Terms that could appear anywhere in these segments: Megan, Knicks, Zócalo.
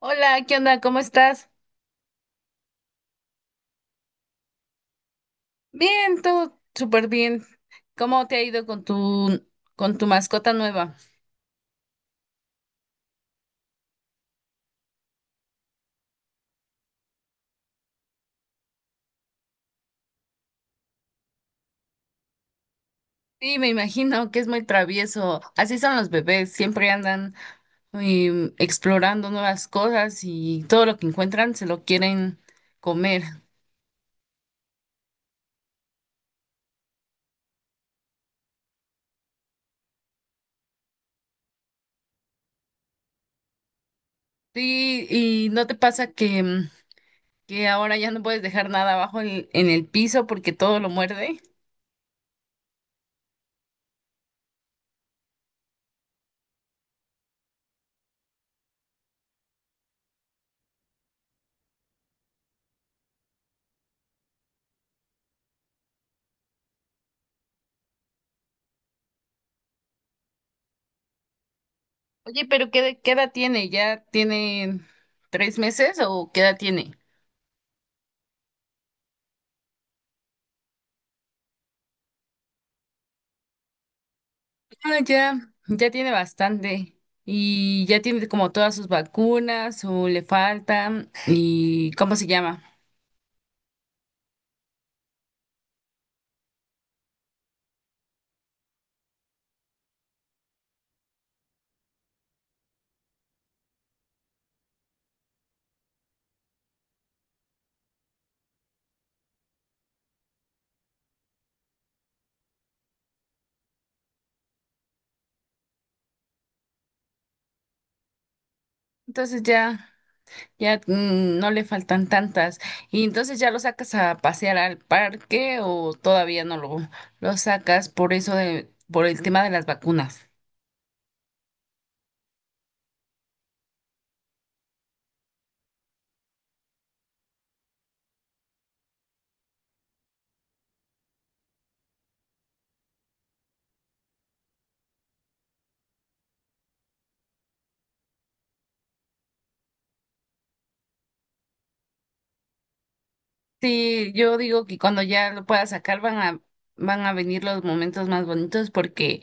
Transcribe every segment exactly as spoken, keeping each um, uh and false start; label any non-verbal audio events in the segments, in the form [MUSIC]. Hola, ¿qué onda? ¿Cómo estás? Bien, todo súper bien. ¿Cómo te ha ido con tu con tu mascota nueva? Sí, me imagino que es muy travieso. Así son los bebés, siempre andan em, explorando nuevas cosas y todo lo que encuentran se lo quieren comer. Sí, y ¿no te pasa que, em, que ahora ya no puedes dejar nada abajo en, en el piso porque todo lo muerde? Oye, pero ¿qué, qué edad tiene? ¿Ya tiene tres meses o qué edad tiene? Ah, ya, ya tiene bastante y ya tiene como todas sus vacunas o le faltan y ¿cómo se llama? Entonces ya, ya mm, no le faltan tantas y entonces ya lo sacas a pasear al parque o todavía no lo, lo sacas por eso de, por el tema de las vacunas. Sí, yo digo que cuando ya lo pueda sacar van a, van a venir los momentos más bonitos porque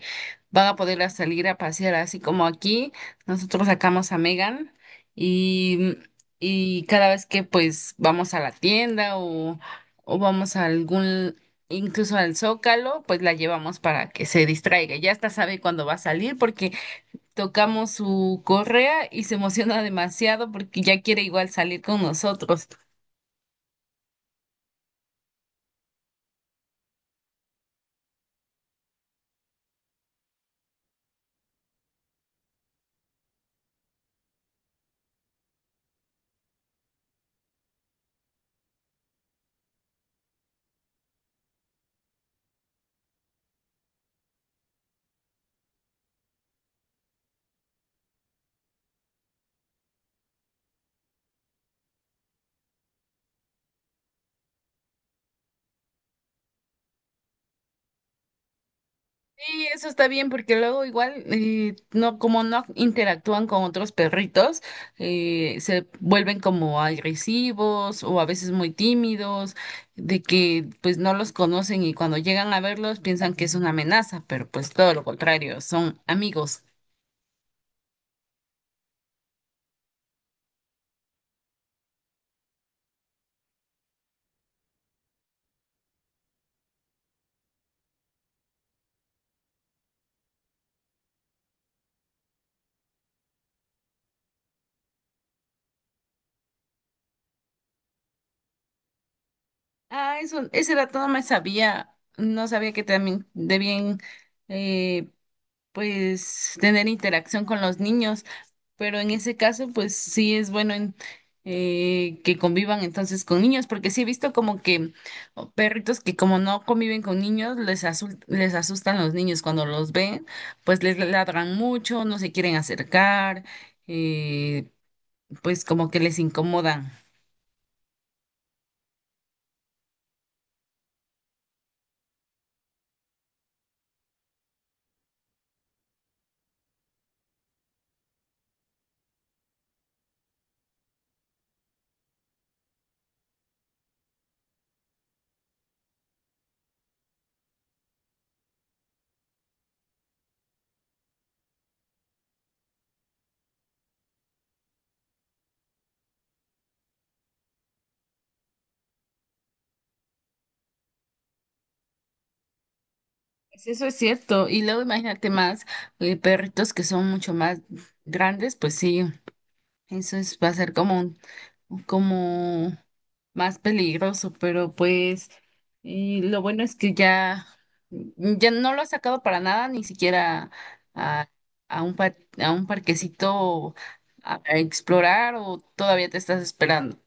van a poder salir a pasear así como aquí. Nosotros sacamos a Megan y, y cada vez que pues vamos a la tienda o, o vamos a algún, incluso al Zócalo, pues la llevamos para que se distraiga. Ya hasta sabe cuándo va a salir porque tocamos su correa y se emociona demasiado porque ya quiere igual salir con nosotros. Sí, eso está bien porque luego igual eh, no como no interactúan con otros perritos eh, se vuelven como agresivos o a veces muy tímidos de que pues no los conocen y cuando llegan a verlos piensan que es una amenaza, pero pues todo lo contrario, son amigos. Ah, eso, ese dato no me sabía, no sabía que también debían eh, pues tener interacción con los niños, pero en ese caso pues sí es bueno en- eh, que convivan entonces con niños, porque sí he visto como que o perritos que como no conviven con niños, les asul- les asustan los niños cuando los ven, pues les ladran mucho, no se quieren acercar, eh, pues como que les incomodan. Pues eso es cierto, y luego imagínate más eh, perritos que son mucho más grandes, pues sí, eso es, va a ser como un como más peligroso, pero pues y lo bueno es que ya, ya no lo ha sacado para nada, ni siquiera a, a un, par- a un parquecito a, a explorar, o todavía te estás esperando.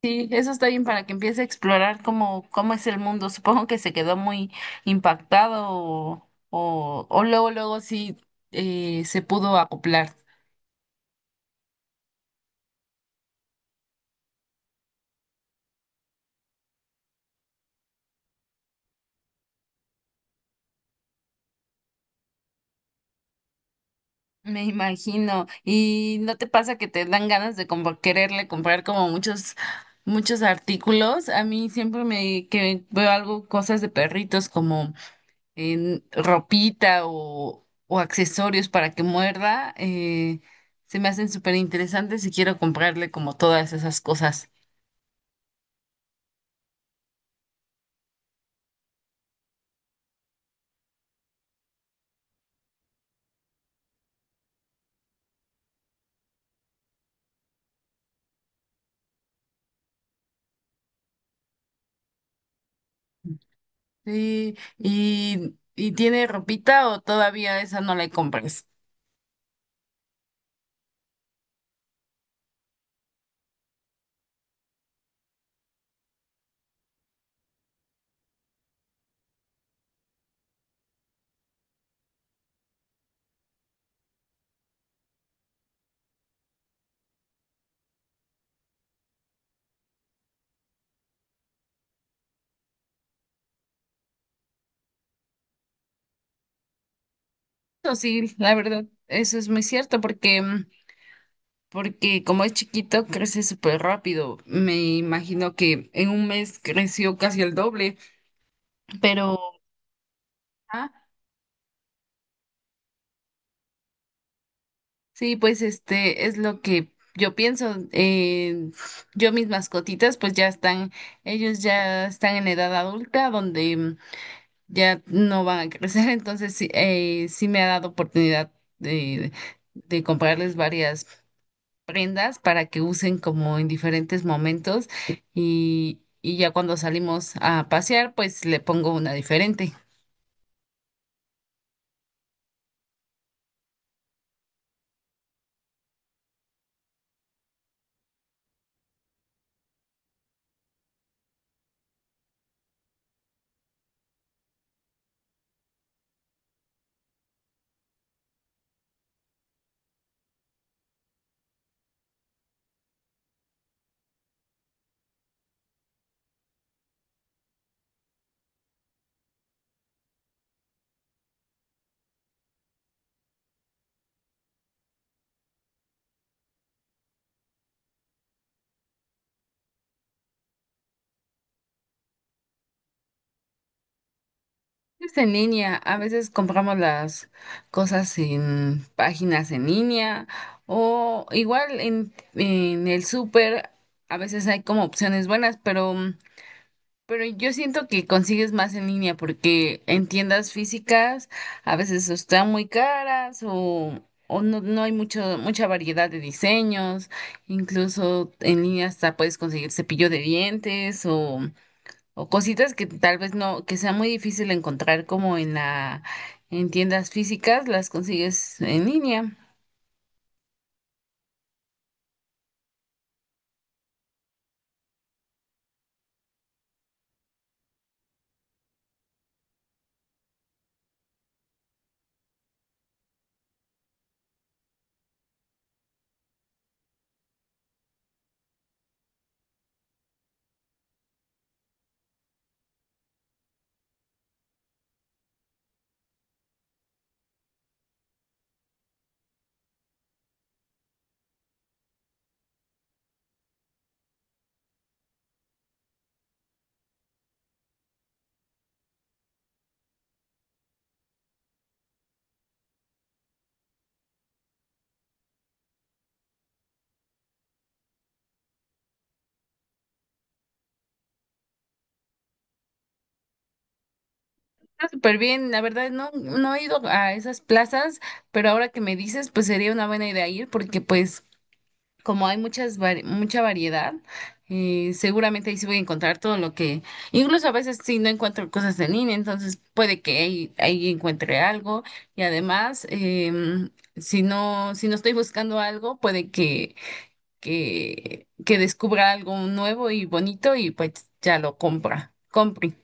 Sí, eso está bien para que empiece a explorar cómo, cómo es el mundo. Supongo que se quedó muy impactado o, o, o luego, luego sí eh, se pudo acoplar. Me imagino. ¿Y no te pasa que te dan ganas de como quererle comprar como muchos, muchos artículos? A mí siempre me que veo algo, cosas de perritos como en ropita o, o accesorios para que muerda, eh, se me hacen súper interesantes y quiero comprarle como todas esas cosas. Sí, y, y tiene ropita o todavía esa no la compras. Eso sí, la verdad, eso es muy cierto porque porque como es chiquito, crece súper rápido. Me imagino que en un mes creció casi el doble, pero ah, sí, pues este es lo que yo pienso. eh, yo mis mascotitas, pues ya están, ellos ya están en edad adulta, donde mm, ya no van a crecer, [LAUGHS] entonces sí, eh, sí me ha dado oportunidad de, de comprarles varias prendas para que usen como en diferentes momentos y, y ya cuando salimos a pasear, pues le pongo una diferente. Es en línea, a veces compramos las cosas en páginas en línea o igual en, en el súper, a veces hay como opciones buenas, pero Pero yo siento que consigues más en línea porque en tiendas físicas a veces o están muy caras o, o no, no hay mucho, mucha variedad de diseños. Incluso en línea hasta puedes conseguir cepillo de dientes o, o cositas que tal vez no, que sea muy difícil encontrar como en la, en tiendas físicas, las consigues en línea. Está súper bien, la verdad no, no he ido a esas plazas, pero ahora que me dices, pues sería una buena idea ir porque pues como hay muchas vari- mucha variedad, eh, seguramente ahí sí voy a encontrar todo lo que, incluso a veces sí no encuentro cosas en línea, entonces puede que ahí, ahí encuentre algo y además, em, si no, si no estoy buscando algo, puede que, que, que descubra algo nuevo y bonito y pues ya lo compra, compre.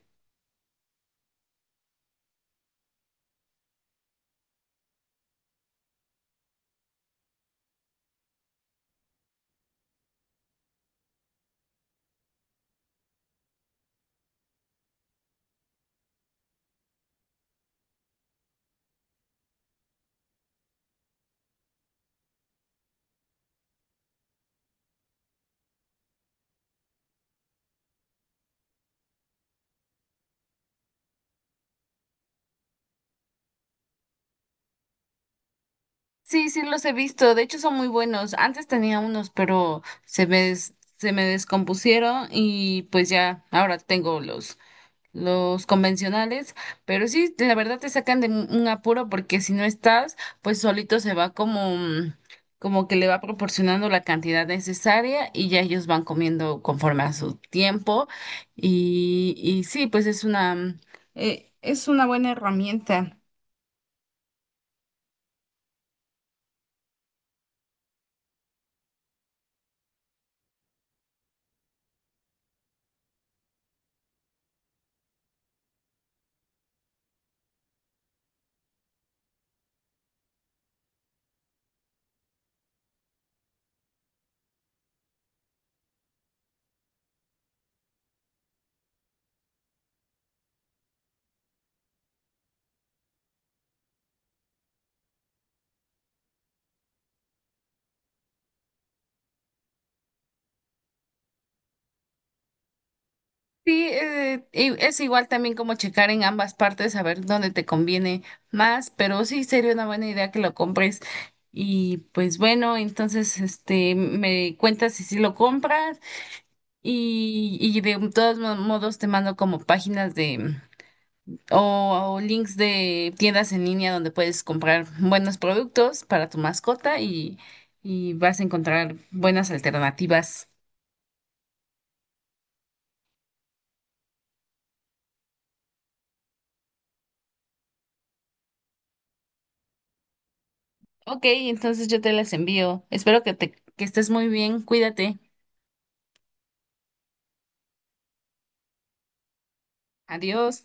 Sí, sí los he visto, de hecho son muy buenos. Antes tenía unos, pero se me, des- se me descompusieron y pues ya, ahora tengo los los convencionales, pero sí, de la verdad te sacan de un un apuro porque si no estás, pues solito se va como, mm, como que le va proporcionando la cantidad necesaria y ya ellos van comiendo conforme a su tiempo y, y sí, pues es una, mm, eh, es una buena herramienta. Sí, eh, y es igual también como checar en ambas partes, a ver dónde te conviene más, pero sí sería una buena idea que lo compres. Y pues bueno, entonces este me cuentas si sí lo compras y, y de todos mo- modos te mando como páginas de o, o links de tiendas en línea donde puedes comprar buenos productos para tu mascota y, y vas a encontrar buenas alternativas. Ok, entonces yo te las envío. Espero que te que estés muy bien. Cuídate. Adiós.